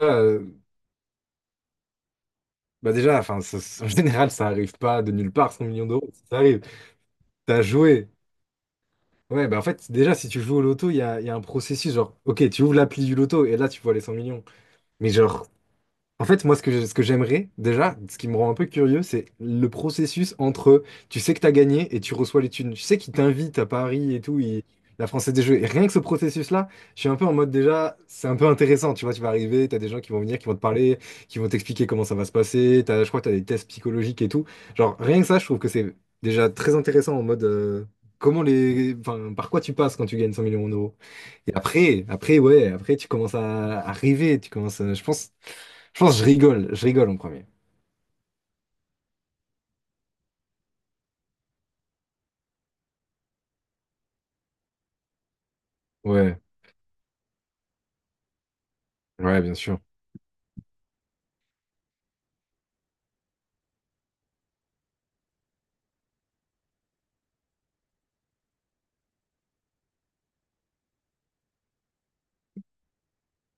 Euh, bah déjà, enfin, en général, ça arrive pas de nulle part, 100 millions d'euros, ça arrive. T'as joué. Ouais, bah en fait, déjà, si tu joues au loto, il y a un processus, genre, ok, tu ouvres l'appli du loto et là, tu vois les 100 millions. Mais genre, en fait, moi, ce que j'aimerais déjà, ce qui me rend un peu curieux, c'est le processus entre tu sais que t'as gagné et tu reçois les thunes. Tu sais qu'ils t'invitent à Paris et tout, la Française des Jeux. Et rien que ce processus-là, je suis un peu en mode déjà, c'est un peu intéressant. Tu vois, tu vas arriver, t'as des gens qui vont venir, qui vont te parler, qui vont t'expliquer comment ça va se passer. Je crois que t'as des tests psychologiques et tout. Genre, rien que ça, je trouve que c'est déjà très intéressant en mode comment enfin, par quoi tu passes quand tu gagnes 100 millions d'euros. Et après, ouais, après, tu commences à arriver, tu commences à, je pense. Je pense que je rigole en premier. Ouais, ouais, bien sûr.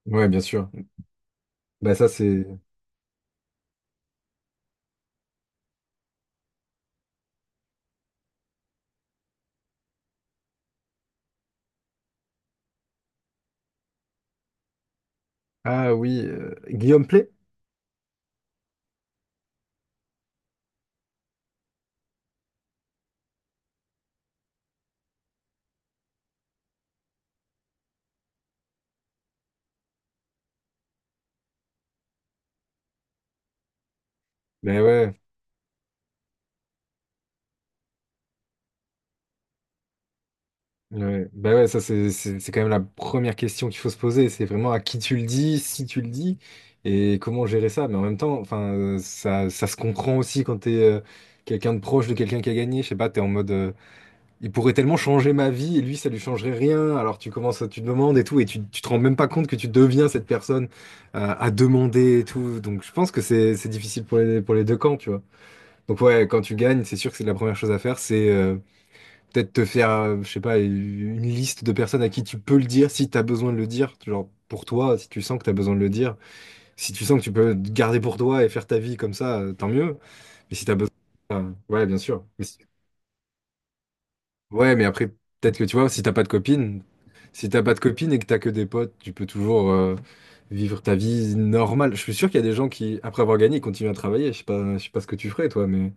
Ouais, bien sûr. Bah ça c'est. Ah oui, Guillaume Play? Bah ouais, ouais. Bah ouais, ça c'est quand même la première question qu'il faut se poser. C'est vraiment à qui tu le dis, si tu le dis, et comment gérer ça. Mais en même temps, enfin, ça se comprend aussi quand t'es quelqu'un de proche de quelqu'un qui a gagné. Je sais pas, t'es en mode, il pourrait tellement changer ma vie et lui, ça lui changerait rien. Alors tu commences, tu demandes et tout, et tu te rends même pas compte que tu deviens cette personne à demander et tout. Donc je pense que c'est difficile pour les deux camps, tu vois. Donc ouais, quand tu gagnes, c'est sûr que c'est la première chose à faire, c'est peut-être te faire, je sais pas, une liste de personnes à qui tu peux le dire si tu as besoin de le dire. Genre pour toi, si tu sens que tu as besoin de le dire. Si tu sens que tu peux garder pour toi et faire ta vie comme ça, tant mieux. Mais si tu as besoin. Ouais, bien sûr. Mais si. Ouais, mais après, peut-être que tu vois, si t'as pas de copine et que t'as que des potes, tu peux toujours vivre ta vie normale. Je suis sûr qu'il y a des gens qui, après avoir gagné, continuent à travailler. Je sais pas ce que tu ferais, toi, mais.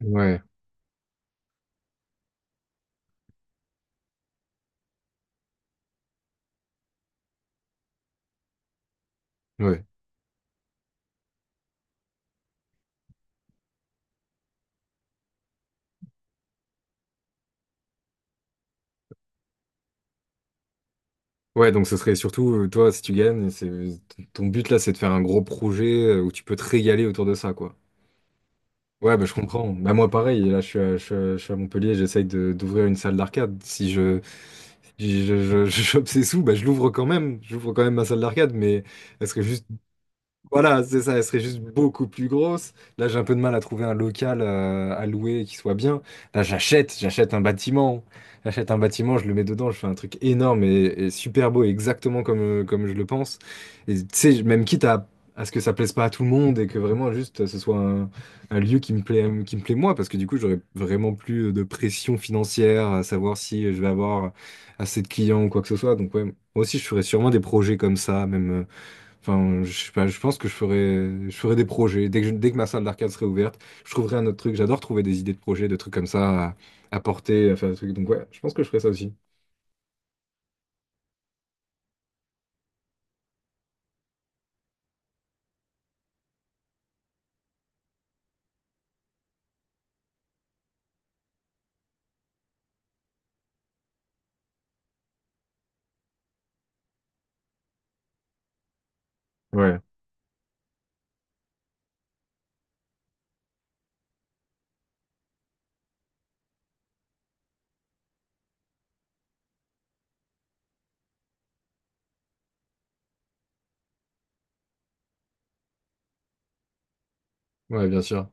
Ouais, ouais. Ouais, donc ce serait surtout, toi, si tu gagnes, c'est ton but là, c'est de faire un gros projet où tu peux te régaler autour de ça, quoi. Ouais, bah, je comprends. Bah, moi, pareil, là, je suis à Montpellier, j'essaye de, d'ouvrir une salle d'arcade. Si je, si je, je, je chope ces sous, bah, je l'ouvre quand même. J'ouvre quand même ma salle d'arcade, mais elle serait juste voilà, c'est ça, elle serait juste beaucoup plus grosse. Là, j'ai un peu de mal à trouver un local à louer qui soit bien. Là, j'achète un bâtiment. J'achète un bâtiment, je le mets dedans, je fais un truc énorme et super beau, exactement comme je le pense. Et tu sais, même quitte à ce que ça plaise pas à tout le monde et que vraiment juste ce soit un lieu qui me plaît moi, parce que du coup, j'aurais vraiment plus de pression financière à savoir si je vais avoir assez de clients ou quoi que ce soit. Donc, ouais, moi aussi, je ferais sûrement des projets comme ça, même. Enfin, je sais pas, je pense que je ferais des projets. Dès que ma salle d'arcade serait ouverte, je trouverais un autre truc. J'adore trouver des idées de projets, de trucs comme ça à porter, à faire des trucs. Donc ouais, je pense que je ferais ça aussi. Ouais, ouais, bien sûr.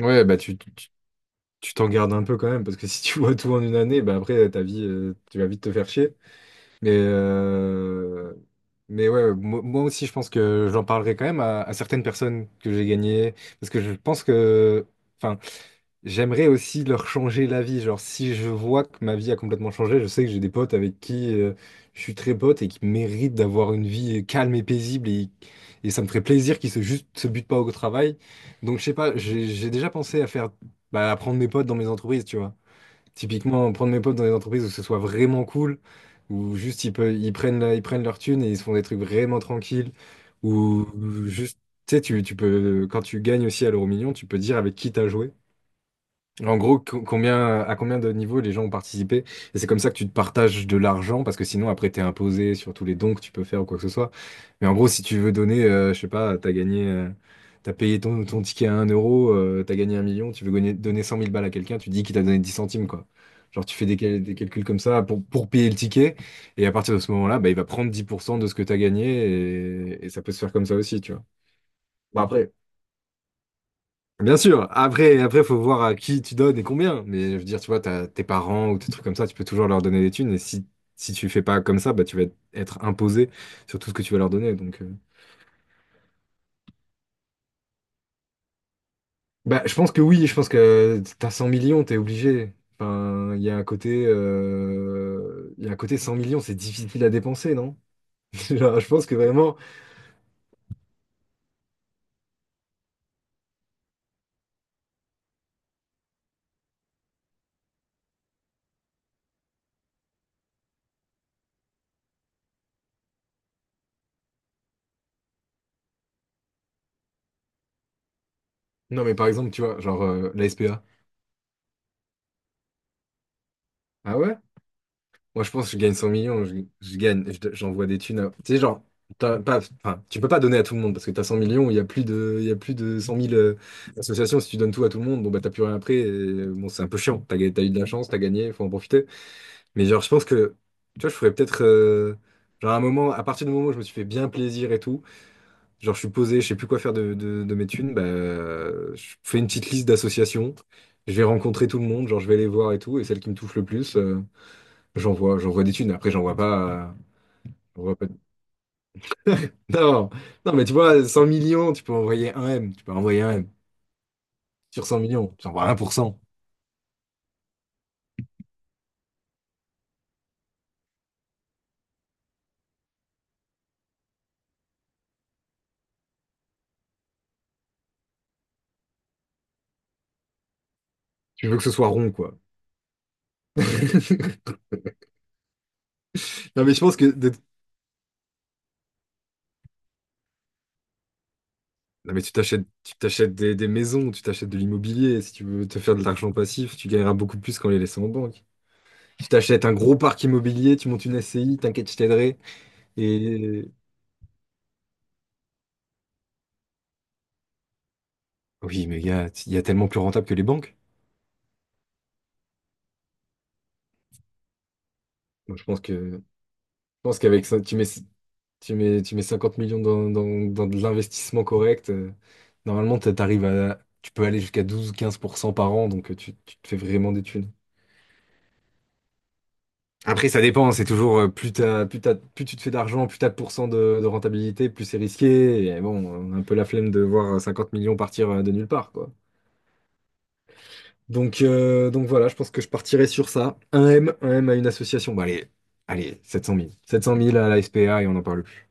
Ouais, bah tu t'en gardes un peu quand même, parce que si tu vois tout en une année, bah après ta vie, tu vas vite te faire chier. Mais, euh, mais ouais, moi aussi, je pense que j'en parlerai quand même à certaines personnes que j'ai gagnées, parce que je pense que, enfin. J'aimerais aussi leur changer la vie. Genre, si je vois que ma vie a complètement changé, je sais que j'ai des potes avec qui je suis très pote et qui méritent d'avoir une vie calme et paisible. Et ça me ferait plaisir qu'ils se, juste, se butent pas au travail. Donc, je sais pas, j'ai déjà pensé à faire, bah, à prendre mes potes dans mes entreprises, tu vois. Typiquement, prendre mes potes dans des entreprises où ce soit vraiment cool, où juste ils prennent, leur thune et ils se font des trucs vraiment tranquilles, ou juste, tu sais, tu peux, quand tu gagnes aussi à l'euro million, tu peux dire avec qui t'as joué. En gros, combien, à combien de niveaux les gens ont participé? Et c'est comme ça que tu te partages de l'argent, parce que sinon, après, t'es imposé sur tous les dons que tu peux faire ou quoi que ce soit. Mais en gros, si tu veux donner, je sais pas, t'as gagné, t'as payé ton ticket à un euro, t'as gagné 1 million, donner 100 000 balles à quelqu'un, tu dis qu'il t'a donné 10 centimes, quoi. Genre, tu fais des calculs comme ça pour payer le ticket, et à partir de ce moment-là, bah, il va prendre 10% de ce que t'as gagné, et ça peut se faire comme ça aussi, tu vois. Bon, après, Bien sûr, après, faut voir à qui tu donnes et combien. Mais je veux dire, tu vois, t'as tes parents ou tes trucs comme ça, tu peux toujours leur donner des thunes. Et si tu fais pas comme ça, bah, tu vas être imposé sur tout ce que tu vas leur donner. Donc, bah, je pense que oui, je pense que t'as 100 millions, t'es obligé. Enfin, il y a un côté 100 millions, c'est difficile à dépenser, non? Genre, je pense que vraiment. Non, mais par exemple, tu vois, genre la SPA. Ah ouais? Moi, je pense que je gagne 100 millions, j'envoie des thunes. Tu sais, genre, t'as pas, enfin, tu peux pas donner à tout le monde parce que t'as 100 millions, il y a plus de 100 000 associations. Si tu donnes tout à tout le monde, bon, bah, t'as plus rien après. Et, bon, c'est un peu chiant. T'as eu de la chance, t'as gagné, faut en profiter. Mais genre, je pense que, tu vois, je ferais peut-être, genre, à un moment, à partir du moment où je me suis fait bien plaisir et tout, genre, je suis posé, je sais plus quoi faire de mes thunes, bah, je fais une petite liste d'associations. Je vais rencontrer tout le monde, genre, je vais les voir et tout, et celle qui me touche le plus. J'envoie des thunes. Après, j'envoie pas de. Non, non, mais tu vois, 100 millions, tu peux envoyer un M. Tu peux envoyer un M. Sur 100 millions, tu envoies 1%. Tu veux que ce soit rond, quoi. Non, mais je pense que. de. Non, mais tu t'achètes des maisons, tu t'achètes de l'immobilier. Si tu veux te faire de l'argent passif, tu gagneras beaucoup plus qu'en les laissant en banque. Tu t'achètes un gros parc immobilier, tu montes une SCI, t'inquiète, je t'aiderai. Et. Oui, mais il y a tellement plus rentable que les banques. Moi, je pense que. Je pense qu'avec ça, tu mets. Tu mets 50 millions dans de l'investissement correct. Normalement, t'arrives à, tu peux aller jusqu'à 12-15% par an, donc tu te fais vraiment des thunes. Après, ça dépend, hein, c'est toujours plus tu te fais d'argent, plus t'as de pourcents de rentabilité, plus c'est risqué. Et bon, on a un peu la flemme de voir 50 millions partir de nulle part, quoi. Donc, voilà, je pense que je partirai sur ça. Un M à une association. Bon, allez, allez, 700 000. 700 000 à la SPA et on n'en parle plus.